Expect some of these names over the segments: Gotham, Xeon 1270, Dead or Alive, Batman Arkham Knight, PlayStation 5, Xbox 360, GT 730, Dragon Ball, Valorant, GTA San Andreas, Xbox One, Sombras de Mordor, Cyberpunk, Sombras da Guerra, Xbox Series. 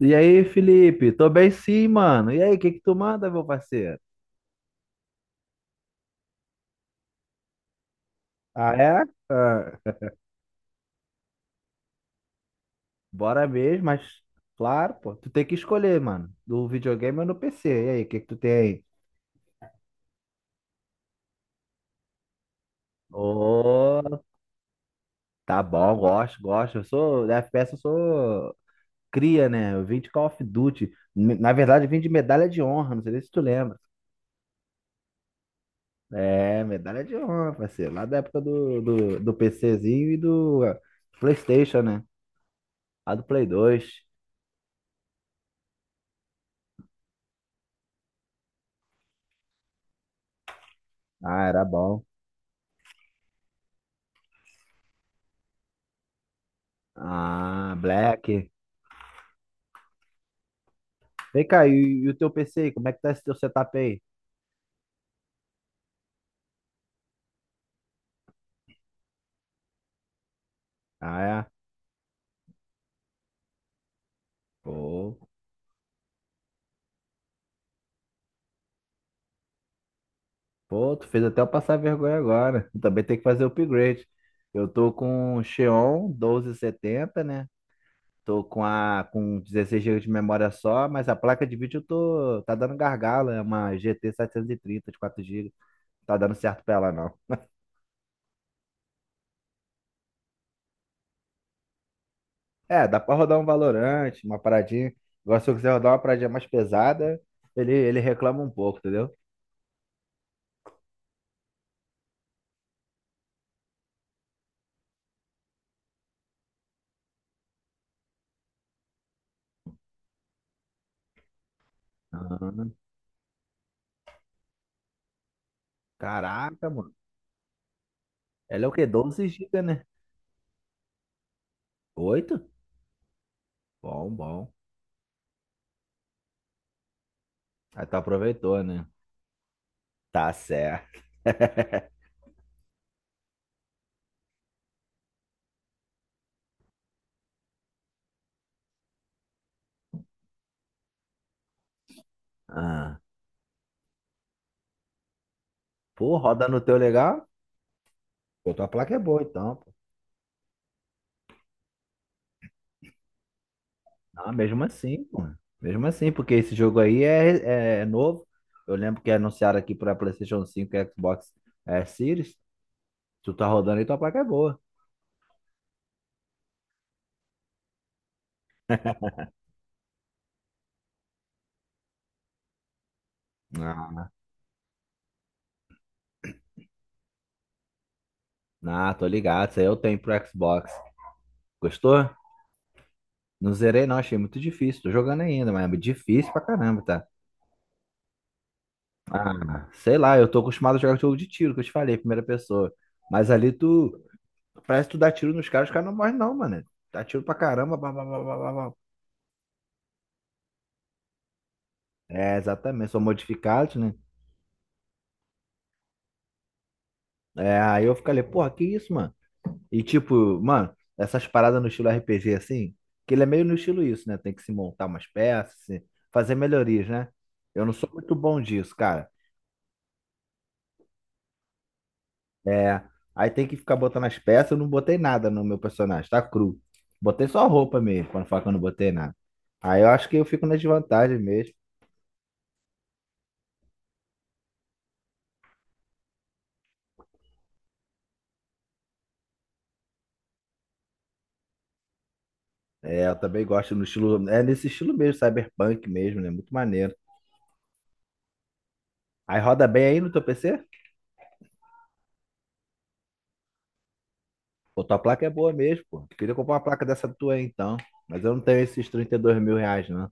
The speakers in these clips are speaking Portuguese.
E aí, Felipe? Tô bem sim, mano. E aí, o que que tu manda, meu parceiro? Ah, é? Ah, Bora mesmo, mas claro, pô. Tu tem que escolher, mano. Do videogame ou no PC. E aí, o que que tu tem aí? Ô, tá bom, gosto, gosto. Da FPS eu sou cria, né? Eu vim de Call of Duty. Na verdade, eu vim de medalha de honra, não sei nem se tu lembra. É, medalha de honra, parceiro. Lá da época do PCzinho e do PlayStation, né? Lá do Play 2. Ah, era bom. Ah, Black. Vem cá, e o teu PC aí? Como é que tá esse teu setup aí? Ah, é? Pô, pô, tu fez até eu passar vergonha agora. Também tem que fazer o upgrade. Eu tô com o Xeon 1270, né? Tô com 16 GB de memória só, mas a placa de vídeo eu tô tá dando gargalo, é uma GT 730 de 4 GB. Tá dando certo pra ela não. É, dá pra rodar um Valorant, uma paradinha. Agora se eu quiser rodar uma paradinha mais pesada, ele reclama um pouco, entendeu? Ah. Caraca, mano. Ela é o quê? 12 GB, né? 8? Bom, bom. Aí tu aproveitou, né? Tá certo. Ah. Pô, roda no teu legal? Pô, tua placa é boa, então, pô. Não, mesmo assim, pô. Mesmo assim, porque esse jogo aí é novo. Eu lembro que anunciaram aqui pra PlayStation 5, e Xbox Series. Tu tá rodando e tua placa é boa. Ah, não, tô ligado. Isso aí eu tenho pro Xbox. Gostou? Não zerei, não. Achei muito difícil. Tô jogando ainda, mas é difícil pra caramba, tá? Ah, sei lá, eu tô acostumado a jogar jogo de tiro, que eu te falei, primeira pessoa. Mas ali tu. Parece que tu dá tiro nos caras, os caras não morrem, não, mano. Dá tiro pra caramba. Blá, blá, blá, blá, blá, blá. É, exatamente, são modificados, né? É, aí eu fico ali, porra, que isso, mano? E tipo, mano, essas paradas no estilo RPG assim, que ele é meio no estilo isso, né? Tem que se montar umas peças, fazer melhorias, né? Eu não sou muito bom disso, cara. É. Aí tem que ficar botando as peças. Eu não botei nada no meu personagem, tá cru. Botei só roupa mesmo, quando fala que eu não botei nada. Aí eu acho que eu fico na desvantagem mesmo. É, eu também gosto no estilo. É nesse estilo mesmo, cyberpunk mesmo, né? Muito maneiro. Aí roda bem aí no teu PC? Pô, tua placa é boa mesmo, pô. Queria comprar uma placa dessa tua aí então. Mas eu não tenho esses R$ 32 mil, não.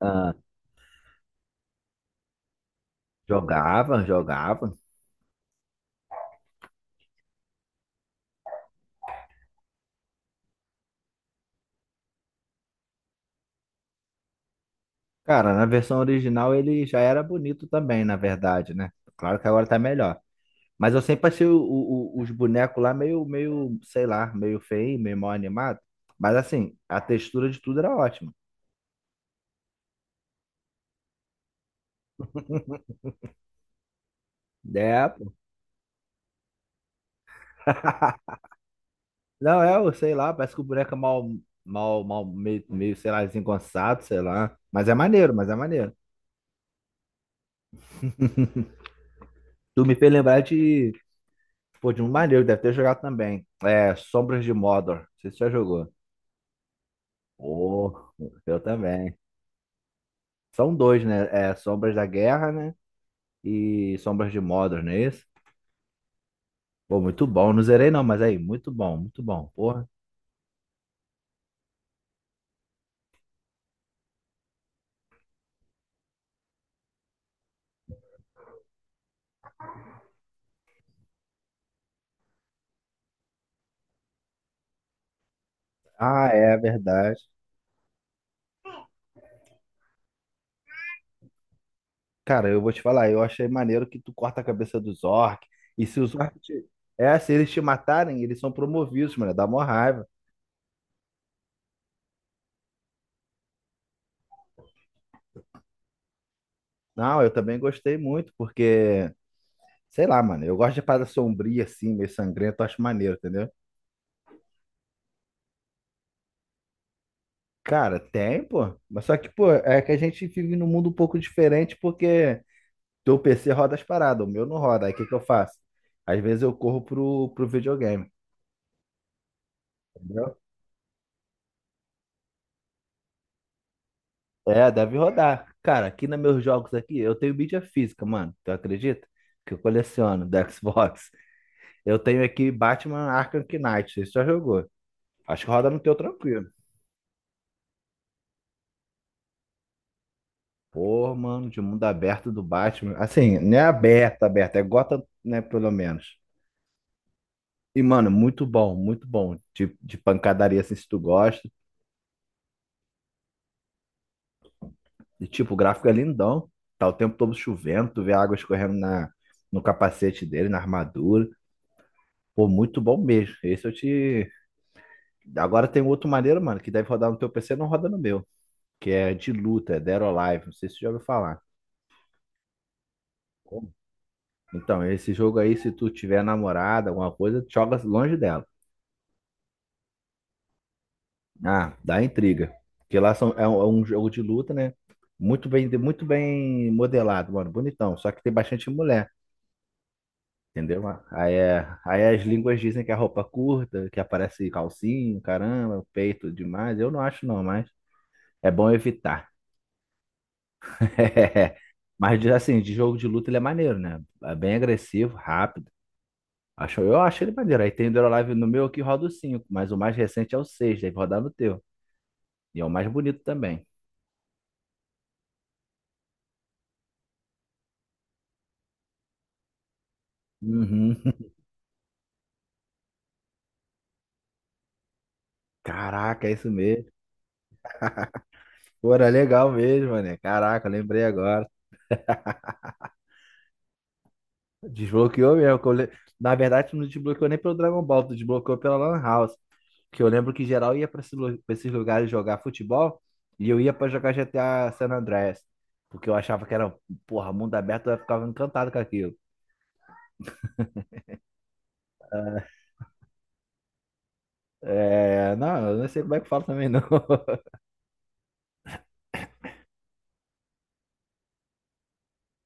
Ah, jogava, jogava. Cara, na versão original ele já era bonito também, na verdade, né? Claro que agora tá melhor. Mas eu sempre achei os bonecos lá meio, meio, sei lá, meio feio, meio mal animado. Mas assim, a textura de tudo era ótima. É, pô. Não, é, eu sei lá, parece que o boneco é mal, mal, mal, meio, meio, sei lá, desengonçado, sei lá. Mas é maneiro, mas é maneiro. Tu me fez lembrar de, pô, de um maneiro, deve ter jogado também. É, Sombras de Mordor. Não sei se você já jogou. Oh, eu também. São dois, né? É, Sombras da Guerra, né? E Sombras de Mordor, não é isso? Pô, muito bom. Não zerei não, mas aí, muito bom, muito bom. Porra. Ah, é verdade. Cara, eu vou te falar, eu achei maneiro que tu corta a cabeça dos orcs. E se os orcs te... É, se eles te matarem, eles são promovidos, mano. Dá mó raiva. Não, eu também gostei muito, porque, sei lá, mano, eu gosto de parada sombria, assim, meio sangrento, eu acho maneiro, entendeu? Cara, tem, pô. Mas só que, pô, é que a gente vive num mundo um pouco diferente, porque teu PC roda as paradas, o meu não roda. Aí o que que eu faço? Às vezes eu corro pro videogame, entendeu? É, deve rodar. Cara, aqui nos meus jogos aqui, eu tenho mídia física, mano. Tu acredita? Que eu coleciono da Xbox. Eu tenho aqui Batman Arkham Knight. Você já jogou? Acho que roda no teu tranquilo. Pô, mano, de mundo aberto do Batman. Assim, não é aberto, aberto. É Gotham, né, pelo menos. E, mano, muito bom, muito bom. De pancadaria, assim, se tu gosta. E, tipo, o gráfico é lindão. Tá o tempo todo chovendo. Tu vê a água escorrendo no capacete dele, na armadura. Pô, muito bom mesmo. Esse eu te... Agora tem um outro maneiro, mano, que deve rodar no teu PC, não roda no meu. Que é de luta, é Dead or Alive. Não sei se você já ouviu falar. Como? Então, esse jogo aí, se tu tiver namorada, alguma coisa, joga longe dela. Ah, dá intriga. Porque lá são, é um jogo de luta, né? Muito bem modelado, mano. Bonitão. Só que tem bastante mulher, entendeu? Aí, as línguas dizem que é roupa curta, que aparece calcinho, caramba, peito demais. Eu não acho não, mas é bom evitar. É. Mas assim, de jogo de luta ele é maneiro, né? É bem agressivo, rápido. Acho, eu acho ele maneiro. Aí tem o Live no meu que roda o 5, mas o mais recente é o 6, deve rodar no teu. E é o mais bonito também. Uhum. Caraca, é isso mesmo. Pô, era legal mesmo, né? Caraca, eu lembrei agora. Desbloqueou mesmo. Na verdade, tu não desbloqueou nem pelo Dragon Ball, tu desbloqueou pela Lan House. Que eu lembro que geral ia pra esse pra esses lugares jogar futebol e eu ia pra jogar GTA San Andreas. Porque eu achava que era, porra, mundo aberto, eu ficava encantado com aquilo. É, não, eu não sei como é que fala também, não.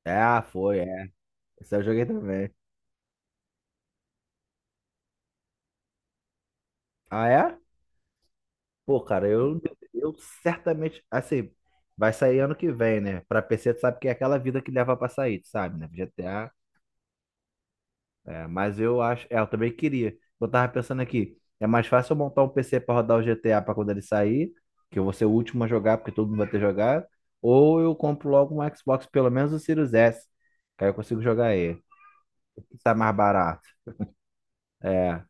É, ah, foi, é. Esse eu joguei também. Ah, é? Pô, cara, eu certamente, assim, vai sair ano que vem, né? Pra PC, tu sabe que é aquela vida que leva pra sair, tu sabe, né? GTA É, mas eu acho. É, eu também queria. Eu tava pensando aqui, é mais fácil eu montar um PC pra rodar o GTA pra quando ele sair, que eu vou ser o último a jogar, porque todo mundo vai ter jogado, ou eu compro logo um Xbox, pelo menos o Series S, que aí eu consigo jogar ele. O que tá mais barato? É.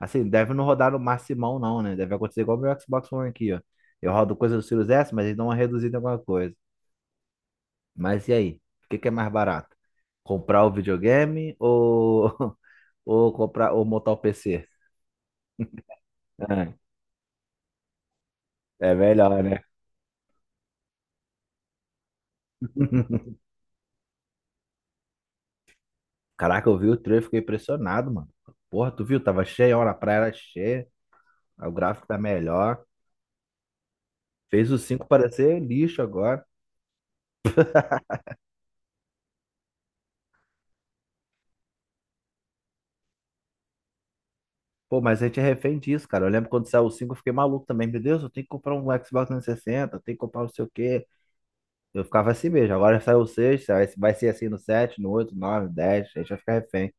Assim, deve não rodar no maximão, não, né? Deve acontecer igual o meu Xbox One aqui, ó. Eu rodo coisa do Series S, mas eles dão uma reduzida em alguma coisa. Mas e aí? O que que é mais barato? Comprar o videogame ou, ou comprar ou montar o PC? É melhor, né? Caraca, eu vi o trailer, fiquei impressionado, mano. Porra, tu viu? Tava cheia, hora a praia era cheia, o gráfico tá melhor. Fez o 5 parecer lixo agora. Pô, mas a gente é refém disso, cara. Eu lembro quando saiu o 5, eu fiquei maluco também. Meu Deus, eu tenho que comprar um Xbox 360, eu tenho que comprar não sei o quê. Eu ficava assim mesmo. Agora saiu o 6, vai ser assim no 7, no 8, 9, 10. A gente vai ficar refém.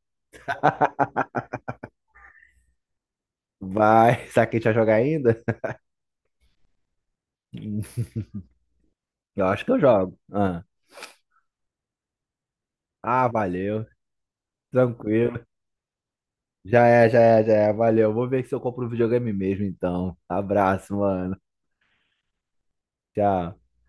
Vai, será que a gente vai jogar ainda? Eu acho que eu jogo. Ah, valeu. Tranquilo. Já é, já é, já é. Valeu. Vou ver se eu compro um videogame mesmo, então. Abraço, mano. Tchau.